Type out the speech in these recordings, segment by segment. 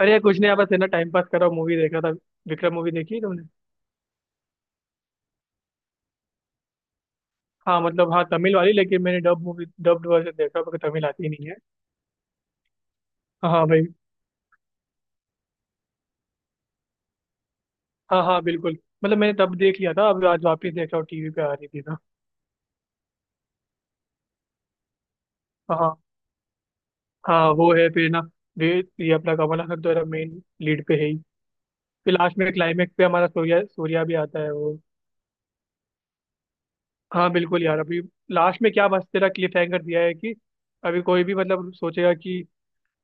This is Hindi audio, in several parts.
अरे यार, कुछ नहीं यार, बस है ना टाइम पास कर रहा हूँ। मूवी देख रहा था। विक्रम मूवी देखी है तुमने? हाँ मतलब हाँ, तमिल वाली, लेकिन मैंने डब मूवी डब्ड वर्जन देखा क्योंकि तमिल आती ही नहीं है। हाँ हाँ, भाई। हाँ हाँ, बिल्कुल। मतलब मैंने तब देख लिया था, अब आज वापस देख रहा हूँ, टीवी पे आ रही थी ना। हाँ हाँ। हाँ, वो है फिर ना। ये अपना कमल हसन तो मेन लीड पे है ही। फिर लास्ट में क्लाइमेक्स पे हमारा सूर्या, सूर्या भी आता है वो। हाँ बिल्कुल यार। अभी लास्ट में क्या मस्त तेरा क्लिफ हैंगर दिया है कि अभी कोई भी मतलब सोचेगा कि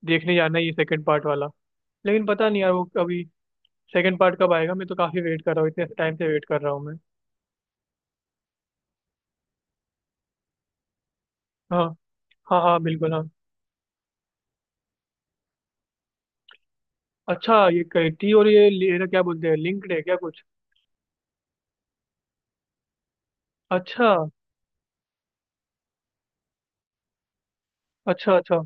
देखने जाना है ये सेकंड पार्ट वाला। लेकिन पता नहीं यार, वो अभी सेकंड पार्ट कब आएगा। मैं तो काफी वेट कर रहा हूँ, इतने टाइम से वेट कर रहा हूँ मैं। हाँ। हाँ हाँ बिल्कुल हाँ। अच्छा, ये कैटी और ये लेना, क्या बोलते हैं, लिंक्ड है क्या कुछ? अच्छा अच्छा। अच्छा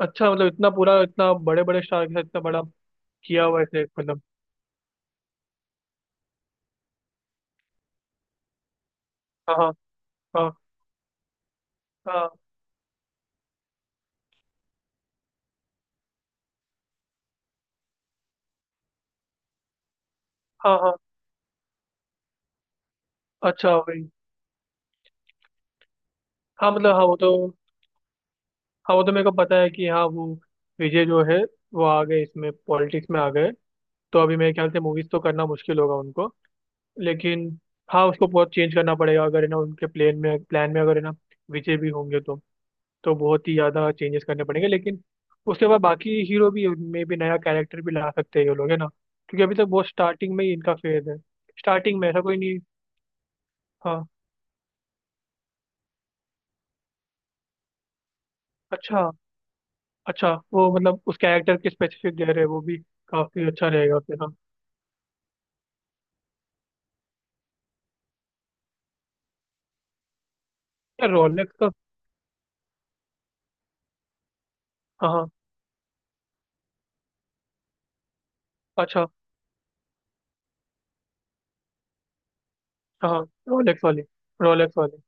अच्छा, मतलब इतना पूरा, इतना बड़े बड़े स्टार के साथ इतना बड़ा किया हुआ है इसे, मतलब। हाँ हाँ हाँ हाँ। हाँ। हाँ। अच्छा वही। हाँ मतलब हाँ, वो तो। हाँ, वो तो मेरे को पता है कि हाँ, वो विजय जो है, वो आ गए, इसमें पॉलिटिक्स में आ गए। तो अभी मेरे ख्याल से मूवीज तो करना मुश्किल होगा उनको। लेकिन। हाँ, उसको बहुत चेंज करना पड़ेगा अगर है ना, उनके प्लेन में, प्लान में अगर है ना विजय भी होंगे तो। तो बहुत ही ज़्यादा चेंजेस करने पड़ेंगे, लेकिन उसके बाद बाकी हीरो भी में भी नया कैरेक्टर भी ला सकते हैं ये लोग, है ना, क्योंकि अभी तक बहुत स्टार्टिंग में ही इनका फेज है। स्टार्टिंग में ऐसा कोई नहीं। हाँ। अच्छा। अच्छा, वो मतलब उस कैरेक्टर के स्पेसिफिक दे रहे हैं वो भी। काफ़ी अच्छा रहेगा फिर, हाँ। यार रोलेक्स का। हाँ हाँ। अच्छा। हाँ, रोलेक्स वाली। रोलेक्स वाली।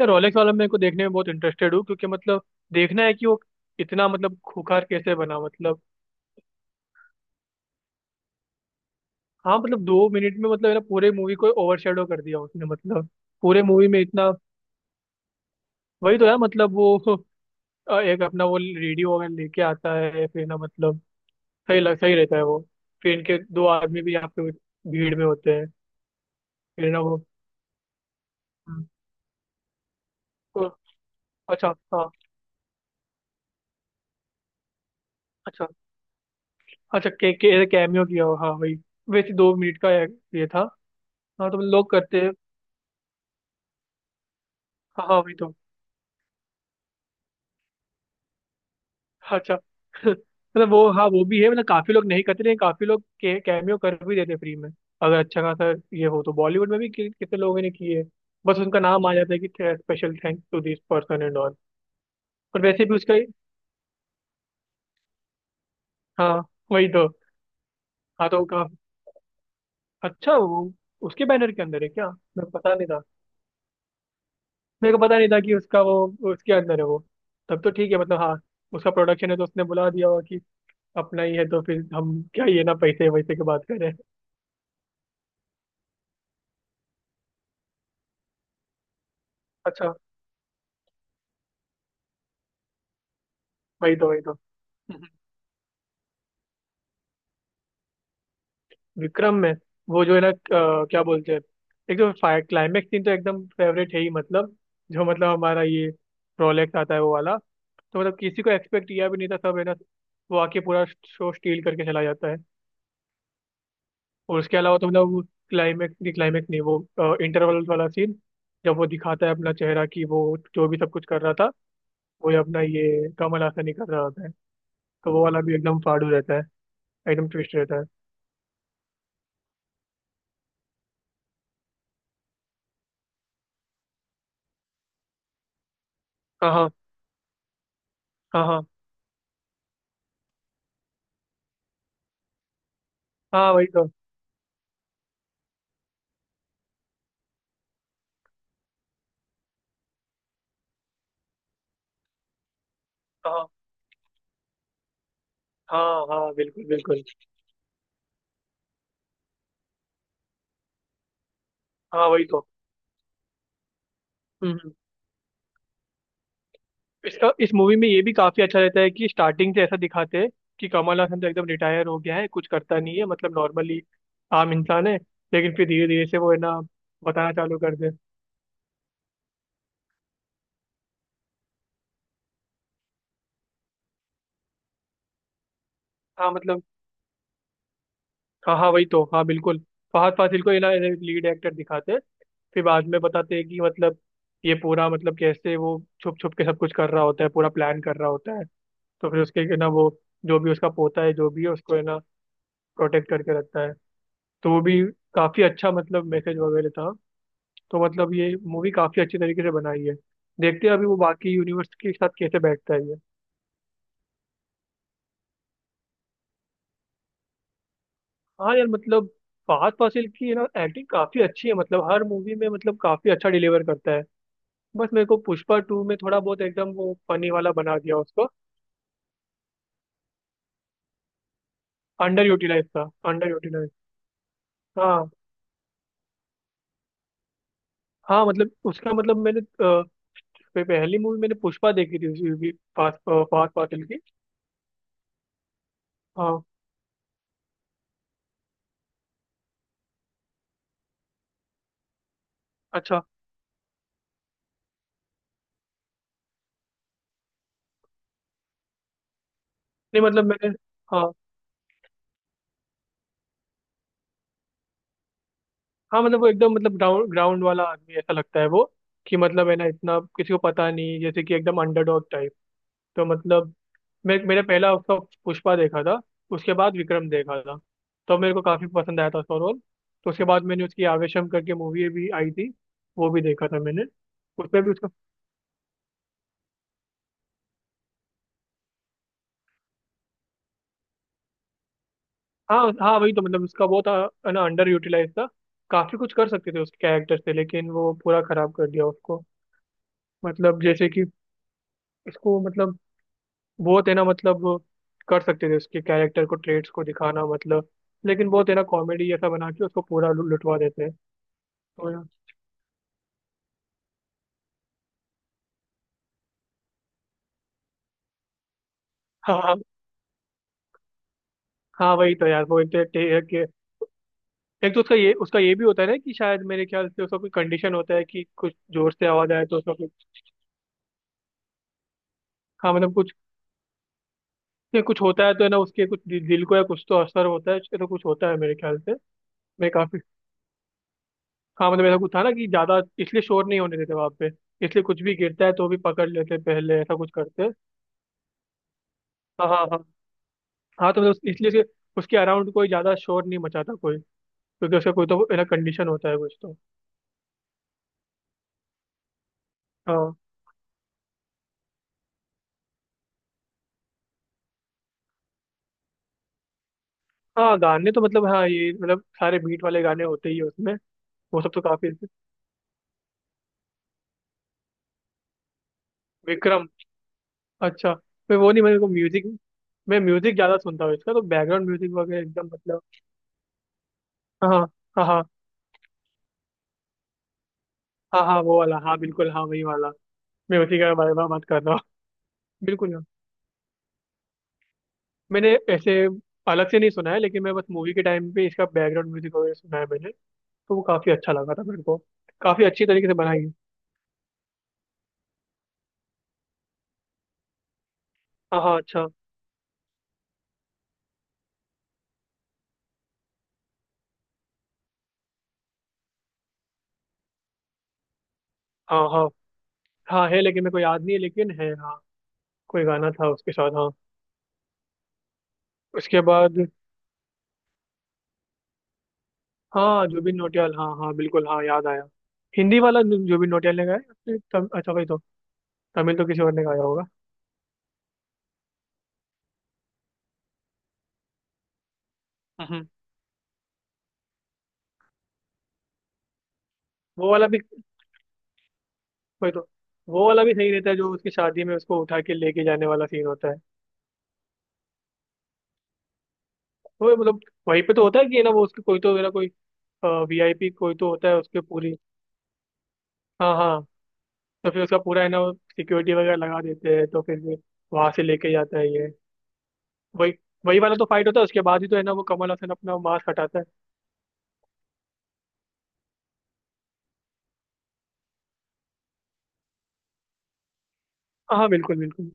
यार रोलेक्स वाला मेरे को देखने में बहुत इंटरेस्टेड हूँ, क्योंकि मतलब देखना है कि वो इतना मतलब खूंखार कैसे बना, मतलब। हाँ मतलब, 2 मिनट में, मतलब है ना, पूरे मूवी को ओवरशैडो कर दिया उसने, मतलब। पूरे मूवी में इतना। वही तो यार, मतलब वो एक अपना वो रेडियो वगैरह लेके आता है फिर ना, मतलब। सही रहता है वो। फिर इनके 2 आदमी भी यहाँ पे भीड़ में होते हैं, फिर ना वो। हम्म। तो, अच्छा। हाँ। अच्छा अच्छा, कैमियो किया हो, हाँ वही। वैसे 2 मिनट का ये था। हाँ, तो लोग करते हैं। हाँ हाँ, वही तो। अच्छा मतलब वो हाँ, वो भी है, मतलब काफी लोग नहीं करते, लेकिन काफी लोग कैमियो कर भी देते फ्री में। अगर अच्छा खासा ये हो तो बॉलीवुड में भी कितने लोगों ने किए। बस उनका नाम आ जाता है कि special thanks to this person and all. पर वैसे भी उसका। हाँ, वही तो। हाँ तो का। अच्छा, वो उसके बैनर के अंदर है क्या? मेरे को पता नहीं था। मेरे को पता नहीं था कि उसका वो उसके अंदर है वो। तब तो ठीक है, मतलब हाँ, उसका प्रोडक्शन है, तो उसने बुला दिया होगा कि अपना ही है, तो फिर हम क्या ये ना पैसे वैसे की बात करें अच्छा वही तो, वही तो। विक्रम में। वो जो है ना, क्या बोलते हैं? एक तो फायर क्लाइमेक्स सीन तो एकदम फेवरेट है ही, मतलब जो मतलब हमारा ये रोलेक्स आता है, वो वाला। तो मतलब किसी को एक्सपेक्ट किया भी नहीं था सब, है ना। वो आके पूरा शो स्टील करके चला जाता है। और उसके अलावा तो मतलब, वो क्लाइमेक्स नहीं, क्लाइमेक्स नहीं, वो इंटरवल वाला सीन, जब वो दिखाता है अपना चेहरा कि वो जो भी सब कुछ कर रहा था, वो ये अपना ये कमल हासन ही कर रहा होता है। तो वो वाला भी एकदम फाड़ू रहता है। एकदम ट्विस्ट रहता है। हाँ हाँ हाँ। हाँ। हाँ। वही तो। हाँ हाँ हाँ, बिल्कुल बिल्कुल। हाँ वही तो। हम्म हम्म, इसका, इस मूवी में ये भी काफी अच्छा रहता है कि स्टार्टिंग से ऐसा दिखाते हैं कि कमल हासन तो एकदम रिटायर हो गया है, कुछ करता नहीं है, मतलब नॉर्मली आम इंसान है। लेकिन फिर धीरे धीरे से वो, है ना, बताना चालू कर दे। हाँ मतलब हाँ, हाँ वही तो। हाँ बिल्कुल, फहद फासिल को है ना लीड एक्टर दिखाते हैं, फिर बाद में बताते हैं कि मतलब ये पूरा मतलब कैसे वो छुप छुप के सब कुछ कर रहा होता है, पूरा प्लान कर रहा होता है। तो फिर उसके है ना वो, जो भी उसका पोता है, जो भी है उसको है ना प्रोटेक्ट करके रखता है। तो वो भी काफी अच्छा मतलब मैसेज वगैरह था। तो मतलब ये मूवी काफी अच्छी तरीके से बनाई है। देखते हैं अभी वो बाकी यूनिवर्स के साथ कैसे बैठता है ये। हाँ यार, मतलब फहद फासिल की है ना एक्टिंग काफी अच्छी है, मतलब हर मूवी में मतलब काफी अच्छा डिलीवर करता है। बस मेरे को पुष्पा टू में थोड़ा बहुत एकदम वो फनी वाला बना दिया उसको। अंडर यूटिलाइज था। Under utilise. हाँ हाँ, मतलब उसका, मतलब मैंने पहली मूवी मैंने पुष्पा देखी थी उसी। फहद फहद फासिल की। हाँ। अच्छा। नहीं मतलब मैंने। हाँ। हाँ मतलब, वो एकदम मतलब ग्राउंड ग्राउंड वाला आदमी ऐसा लगता है वो, कि मतलब है ना इतना किसी को पता नहीं, जैसे कि एकदम अंडरडॉग टाइप। तो मतलब मैं, मेरा पहला उसका पुष्पा देखा था। उसके बाद विक्रम देखा था। तो मेरे को काफी पसंद आया था उसका रोल। तो उसके बाद मैंने उसकी आवेशम करके मूवी भी आई थी। वो भी देखा था मैंने। उसमें भी उसका। हाँ हाँ वही तो, मतलब उसका वो था, है ना, अंडर यूटिलाइज था। काफी कुछ कर सकते थे उसके कैरेक्टर से, लेकिन वो पूरा खराब कर दिया उसको। मतलब जैसे कि, इसको मतलब बहुत, है ना, मतलब कर सकते थे उसके कैरेक्टर को, ट्रेड्स को दिखाना, मतलब। लेकिन बहुत है ना कॉमेडी जैसा बना के उसको पूरा लुटवा देते हैं। तो यार-। हाँ हाँ वही तो यार, वो एक तो एक, एक तो उसका ये, उसका ये भी होता है ना कि शायद मेरे ख्याल से उसका कोई कंडीशन होता है कि कुछ जोर से आवाज आए तो उसका कुछ। हाँ मतलब कुछ, ये कुछ होता है तो है ना उसके कुछ दिल को या कुछ तो असर होता है, ऐसा कुछ होता है मेरे ख्याल से। मैं काफी। हाँ मतलब ऐसा कुछ था ना कि ज्यादा इसलिए शोर नहीं होने देते वहां पे। इसलिए कुछ भी गिरता है तो भी पकड़ लेते पहले, ऐसा कुछ करते। हाँ हाँ हाँ हाँ। तो मतलब इसलिए उसके अराउंड कोई ज्यादा शोर नहीं मचाता कोई। क्योंकि उसका कोई तो ना कंडीशन होता है कुछ तो। हाँ। हाँ, गाने तो मतलब हाँ, ये मतलब सारे बीट वाले गाने होते ही हैं उसमें। वो सब तो काफी। विक्रम। अच्छा। मैं वो नहीं, मेरे को म्यूजिक, मैं म्यूजिक ज्यादा सुनता हूँ, इसका तो बैकग्राउंड म्यूजिक वगैरह एकदम मतलब। हाँ। हाँ हाँ। हाँ हाँ, वो वाला हाँ, बिल्कुल हाँ, वही वाला। मैं उसी का बारे में बात कर रहा हूँ बिल्कुल हाँ। मैंने ऐसे अलग से नहीं सुना है, लेकिन मैं बस मूवी के टाइम पे इसका बैकग्राउंड म्यूजिक वगैरह सुना है मैंने। तो वो काफी अच्छा लगा था मेरे को। काफी अच्छी तरीके से बनाई है। हाँ हाँ, अच्छा। हाँ। हाँ हाँ है, लेकिन मेरे को याद नहीं है, लेकिन है हाँ। कोई गाना था उसके साथ, हाँ। उसके बाद। हाँ, जुबिन नौटियाल, हाँ हाँ बिल्कुल हाँ, याद आया। हिंदी वाला जुबिन नौटियाल ने गाया। फिर अच्छा, वही तो। तमिल तो किसी और ने गाया होगा। हम्म। वो वाला भी। वही तो। वो वाला भी सही रहता है, जो उसकी शादी में उसको उठा के लेके जाने वाला सीन होता है। वो मतलब वहीं पे तो होता है कि है ना, वो उसके कोई तो है ना, कोई वीआईपी कोई तो होता है उसके पूरी। हाँ हाँ। तो फिर उसका पूरा है ना, वो सिक्योरिटी वगैरह लगा देते हैं, तो फिर भी वहां से लेके जाता है ये। वही। वही वाला तो फाइट होता है, उसके बाद ही तो है ना वो कमल हसन अपना मास्क हटाता है। हाँ हाँ, बिल्कुल बिल्कुल।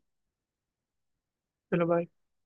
चलो bye।